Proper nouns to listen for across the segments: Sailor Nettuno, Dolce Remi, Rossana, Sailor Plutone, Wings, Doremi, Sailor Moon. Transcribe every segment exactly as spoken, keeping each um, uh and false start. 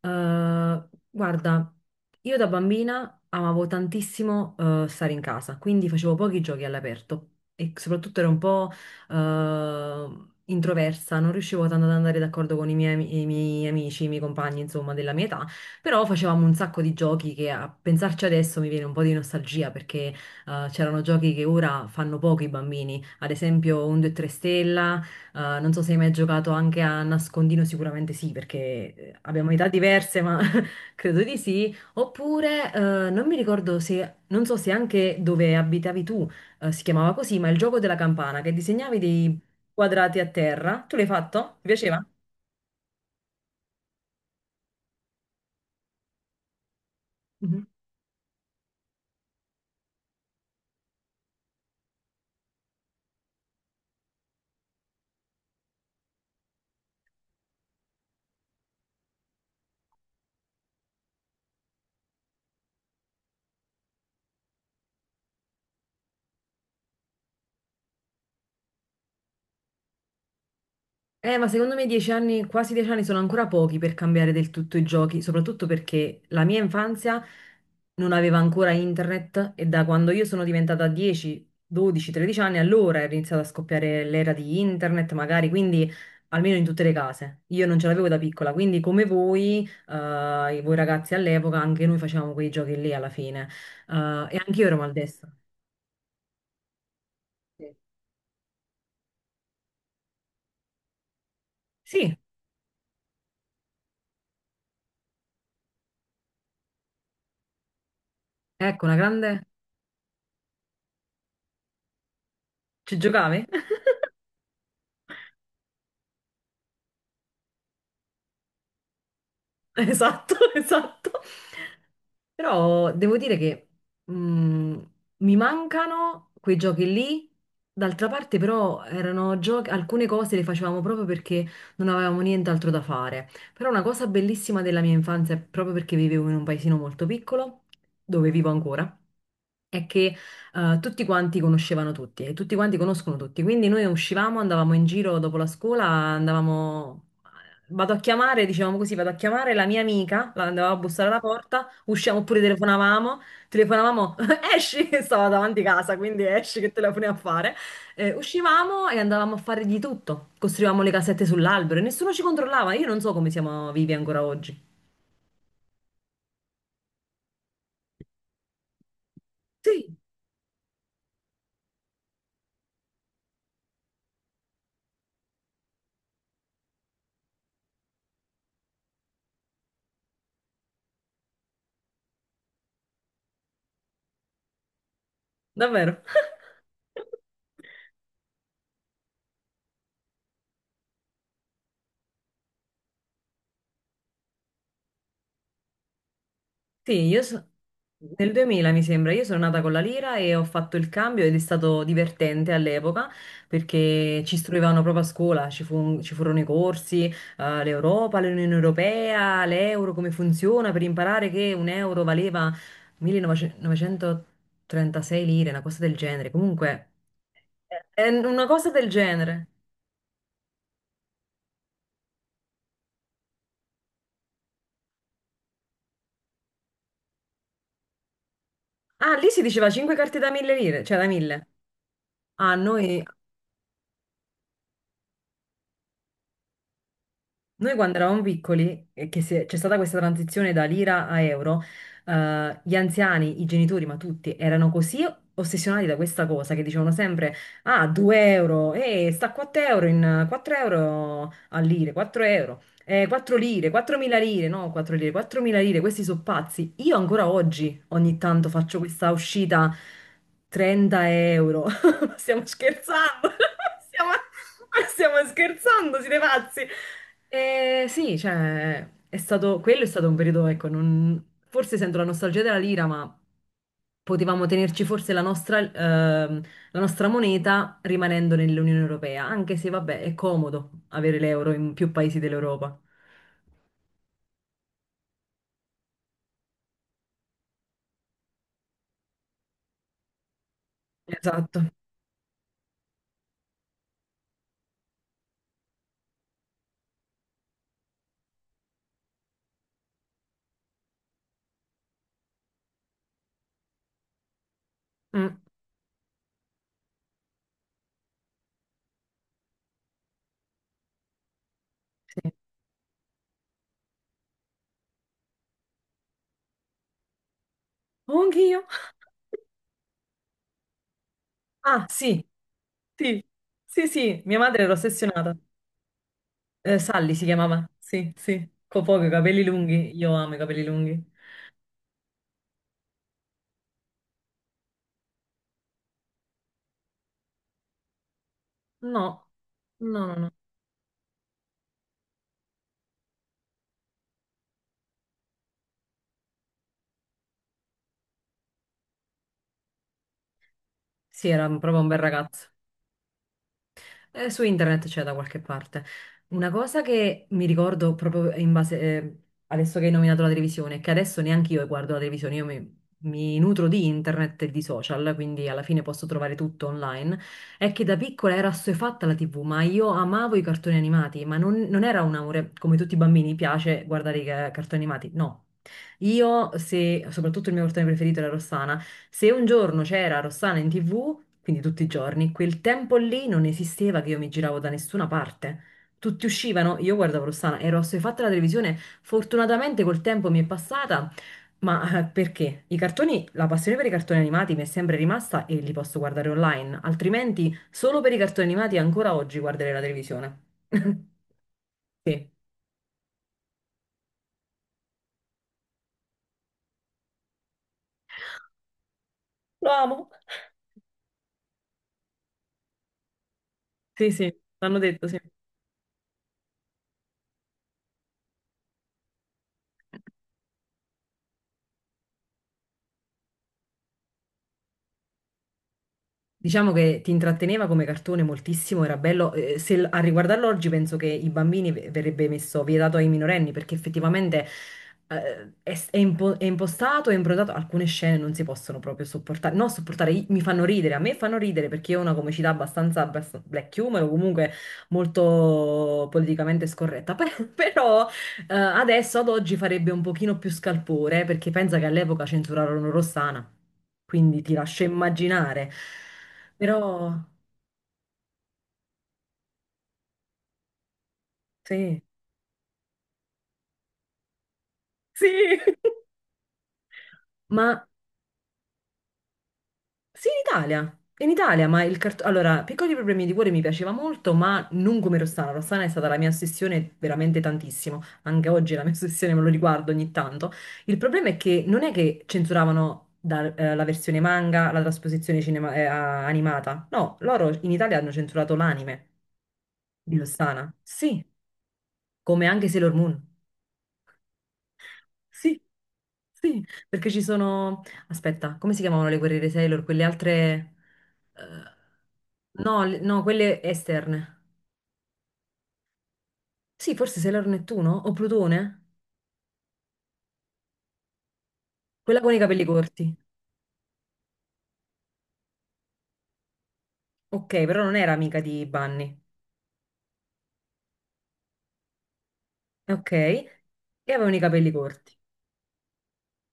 Eh, guarda, io da bambina amavo tantissimo eh, stare in casa, quindi facevo pochi giochi all'aperto e soprattutto ero un po' eh, introversa, non riuscivo tanto ad andare d'accordo con i miei, ami- i miei amici, i miei compagni, insomma, della mia età, però facevamo un sacco di giochi che a pensarci adesso mi viene un po' di nostalgia perché eh, c'erano giochi che ora fanno poco i bambini, ad esempio un due tre stella. Eh, non so se hai mai giocato anche a nascondino, sicuramente sì, perché eh, abbiamo età diverse, ma credo di sì. Oppure, eh, non mi ricordo se, non so se anche dove abitavi tu, eh, si chiamava così, ma il gioco della campana, che disegnavi dei quadrati a terra. Tu l'hai fatto? Ti piaceva? Eh, ma secondo me dieci anni, quasi dieci anni sono ancora pochi per cambiare del tutto i giochi, soprattutto perché la mia infanzia non aveva ancora internet e da quando io sono diventata dieci, dodici, tredici anni, allora è iniziata a scoppiare l'era di internet, magari, quindi almeno in tutte le case. Io non ce l'avevo da piccola, quindi come voi, eh, voi ragazzi all'epoca, anche noi facevamo quei giochi lì alla fine. Eh, e anche io ero maldestra. Sì, Sì, ecco, una grande... Ci giocavi? Esatto, esatto. Però devo dire che mm, mi mancano quei giochi lì. D'altra parte, però, erano giochi, alcune cose le facevamo proprio perché non avevamo nient'altro da fare. Però una cosa bellissima della mia infanzia, proprio perché vivevo in un paesino molto piccolo, dove vivo ancora è che eh, tutti quanti conoscevano tutti e tutti quanti conoscono tutti. Quindi noi uscivamo, andavamo in giro dopo la scuola, andavamo vado a chiamare, diciamo così, vado a chiamare la mia amica, la andavo a bussare alla porta, usciamo oppure telefonavamo, telefonavamo, esci, stava davanti casa, quindi esci che telefoni a fare. Eh, uscivamo e andavamo a fare di tutto, costruivamo le casette sull'albero e nessuno ci controllava, io non so come siamo vivi ancora oggi. Sì, davvero. Sì, io so- nel duemila mi sembra, io sono nata con la lira e ho fatto il cambio ed è stato divertente all'epoca perché ci istruivano proprio a scuola, ci, fu un- ci furono i corsi, eh, l'Europa, l'Unione Europea, l'euro, come funziona per imparare che un euro valeva millenovecentotrentasei lire, una cosa del genere. Comunque, è una cosa del genere. Ah, lì si diceva cinque carte da mille lire, cioè da mille. Ah, noi, Noi quando eravamo piccoli, e che se- c'è stata questa transizione da lira a euro, eh, gli anziani, i genitori, ma tutti, erano così ossessionati da questa cosa che dicevano sempre, ah, due euro, e sta a quattro euro, in quattro euro a lire, quattro euro, eh, quattro lire, quattromila lire, no, quattro lire, quattromila lire, questi sono pazzi. Io ancora oggi ogni tanto faccio questa uscita trenta euro, stiamo scherzando, stiamo, stiamo scherzando, siete pazzi. Eh, sì, cioè, è stato, quello è stato un periodo, ecco, non- forse sento la nostalgia della lira, ma potevamo tenerci forse la nostra, ehm, la nostra moneta rimanendo nell'Unione Europea, anche se, vabbè, è comodo avere l'euro in più paesi dell'Europa. Esatto. Mm, sì. Oh, anch'io. Ah, sì, sì, sì, sì, mia madre era ossessionata. Eh, Sally si chiamava, sì, sì, con poco, i capelli lunghi, io amo i capelli lunghi. No, no, no, no. Sì, era un- proprio un bel ragazzo. Eh, su internet c'è da qualche parte. Una cosa che mi ricordo proprio in base, eh, adesso che hai nominato la televisione, che adesso neanche io guardo la televisione, io mi, mi nutro di internet e di social, quindi alla fine posso trovare tutto online, è che da piccola era assuefatta la T V, ma io amavo i cartoni animati, ma non, non era un amore, come tutti i bambini piace guardare i ca- cartoni animati, no. Io, se, Soprattutto il mio cartone preferito era Rossana, se un giorno c'era Rossana in T V, quindi tutti i giorni, quel tempo lì non esisteva che io mi giravo da nessuna parte. Tutti uscivano, io guardavo Rossana, ero assuefatta alla televisione. Fortunatamente col tempo mi è passata, ma eh, perché? I cartoni, la passione per i cartoni animati mi è sempre rimasta e li posso guardare online, altrimenti solo per i cartoni animati ancora oggi guarderei la televisione. Sì, lo amo. sì, sì, l'hanno detto, sì. Diciamo che ti intratteneva come cartone moltissimo, era bello. Eh, se l- A riguardarlo oggi penso che i bambini ve- verrebbe messo vietato ai minorenni perché effettivamente eh, è, s- è impo- è impostato e improntato. Alcune scene non si possono proprio sopportare. No, sopportare, i- mi fanno ridere, a me fanno ridere perché ho una comicità abbastanza, abbast- black humor o comunque molto politicamente scorretta. Però eh, adesso ad oggi farebbe un pochino più scalpore perché pensa che all'epoca censurarono Rossana, quindi ti lascio immaginare. Però sì, sì. Ma sì, in Italia. In Italia, ma il cartone... Allora, Piccoli problemi di cuore mi piaceva molto, ma non come Rossana. Rossana è stata la mia ossessione veramente tantissimo. Anche oggi è la mia ossessione, me lo riguardo ogni tanto. Il problema è che non è che censuravano da- eh, la versione manga, la trasposizione cinema- eh, a- animata. No, loro in Italia hanno censurato l'anime di Rossana. Sì, come anche Sailor Moon. Sì, sì, perché ci sono... Aspetta, come si chiamavano le guerriere Sailor? Quelle altre... eh, no, le- no, quelle esterne. Sì, forse Sailor Nettuno o Plutone? Quella con i capelli corti. Ok, però non era amica di Bunny. Ok, e avevano i capelli corti.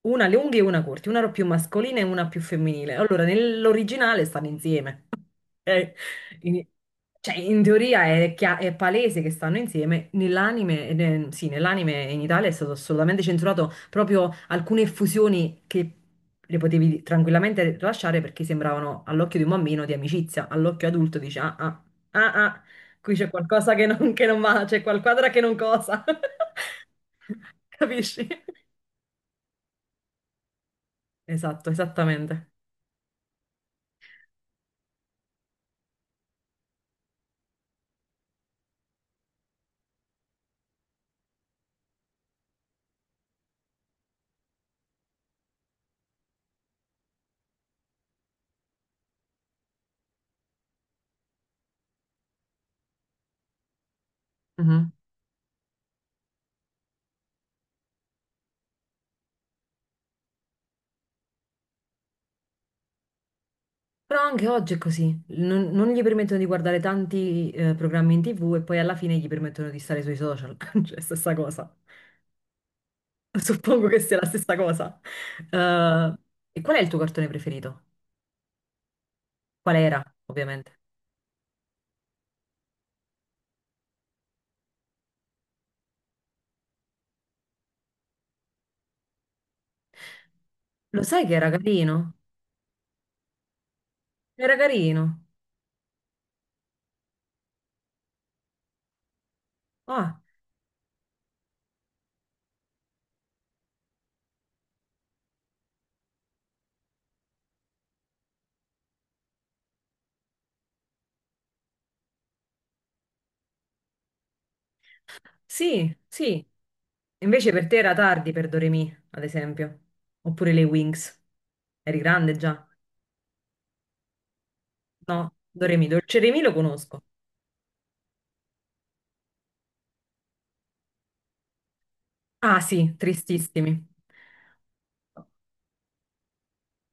Una alle unghie e una corti, una più mascolina e una più femminile. Allora, nell'originale stanno insieme. Ok? In- cioè, in teoria è, chia- è palese che stanno insieme. Nell'anime, eh, ne- sì, nell'anime in Italia è stato assolutamente censurato proprio alcune effusioni che le potevi tranquillamente lasciare perché sembravano all'occhio di un bambino di amicizia, all'occhio adulto dice ah ah ah ah, qui c'è qualcosa che non, che non va, c'è qualquadra che non cosa. Capisci? Esatto, esattamente. Mhm. Però anche oggi è così, non, non gli permettono di guardare tanti eh, programmi in T V e poi alla fine gli permettono di stare sui social, cioè stessa cosa. Suppongo che sia la stessa cosa. Eh, e qual è il tuo cartone preferito? Qual era, ovviamente? Lo sai che era carino? Era carino. Ah, sì, sì. Invece per te era tardi per Doremi, ad esempio. Oppure le Wings. Eri grande già? No, Doremi, Dolce Remi lo conosco. Ah sì, tristissimi.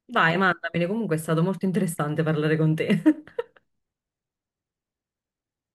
Vai, mandameli, comunque è stato molto interessante parlare con te.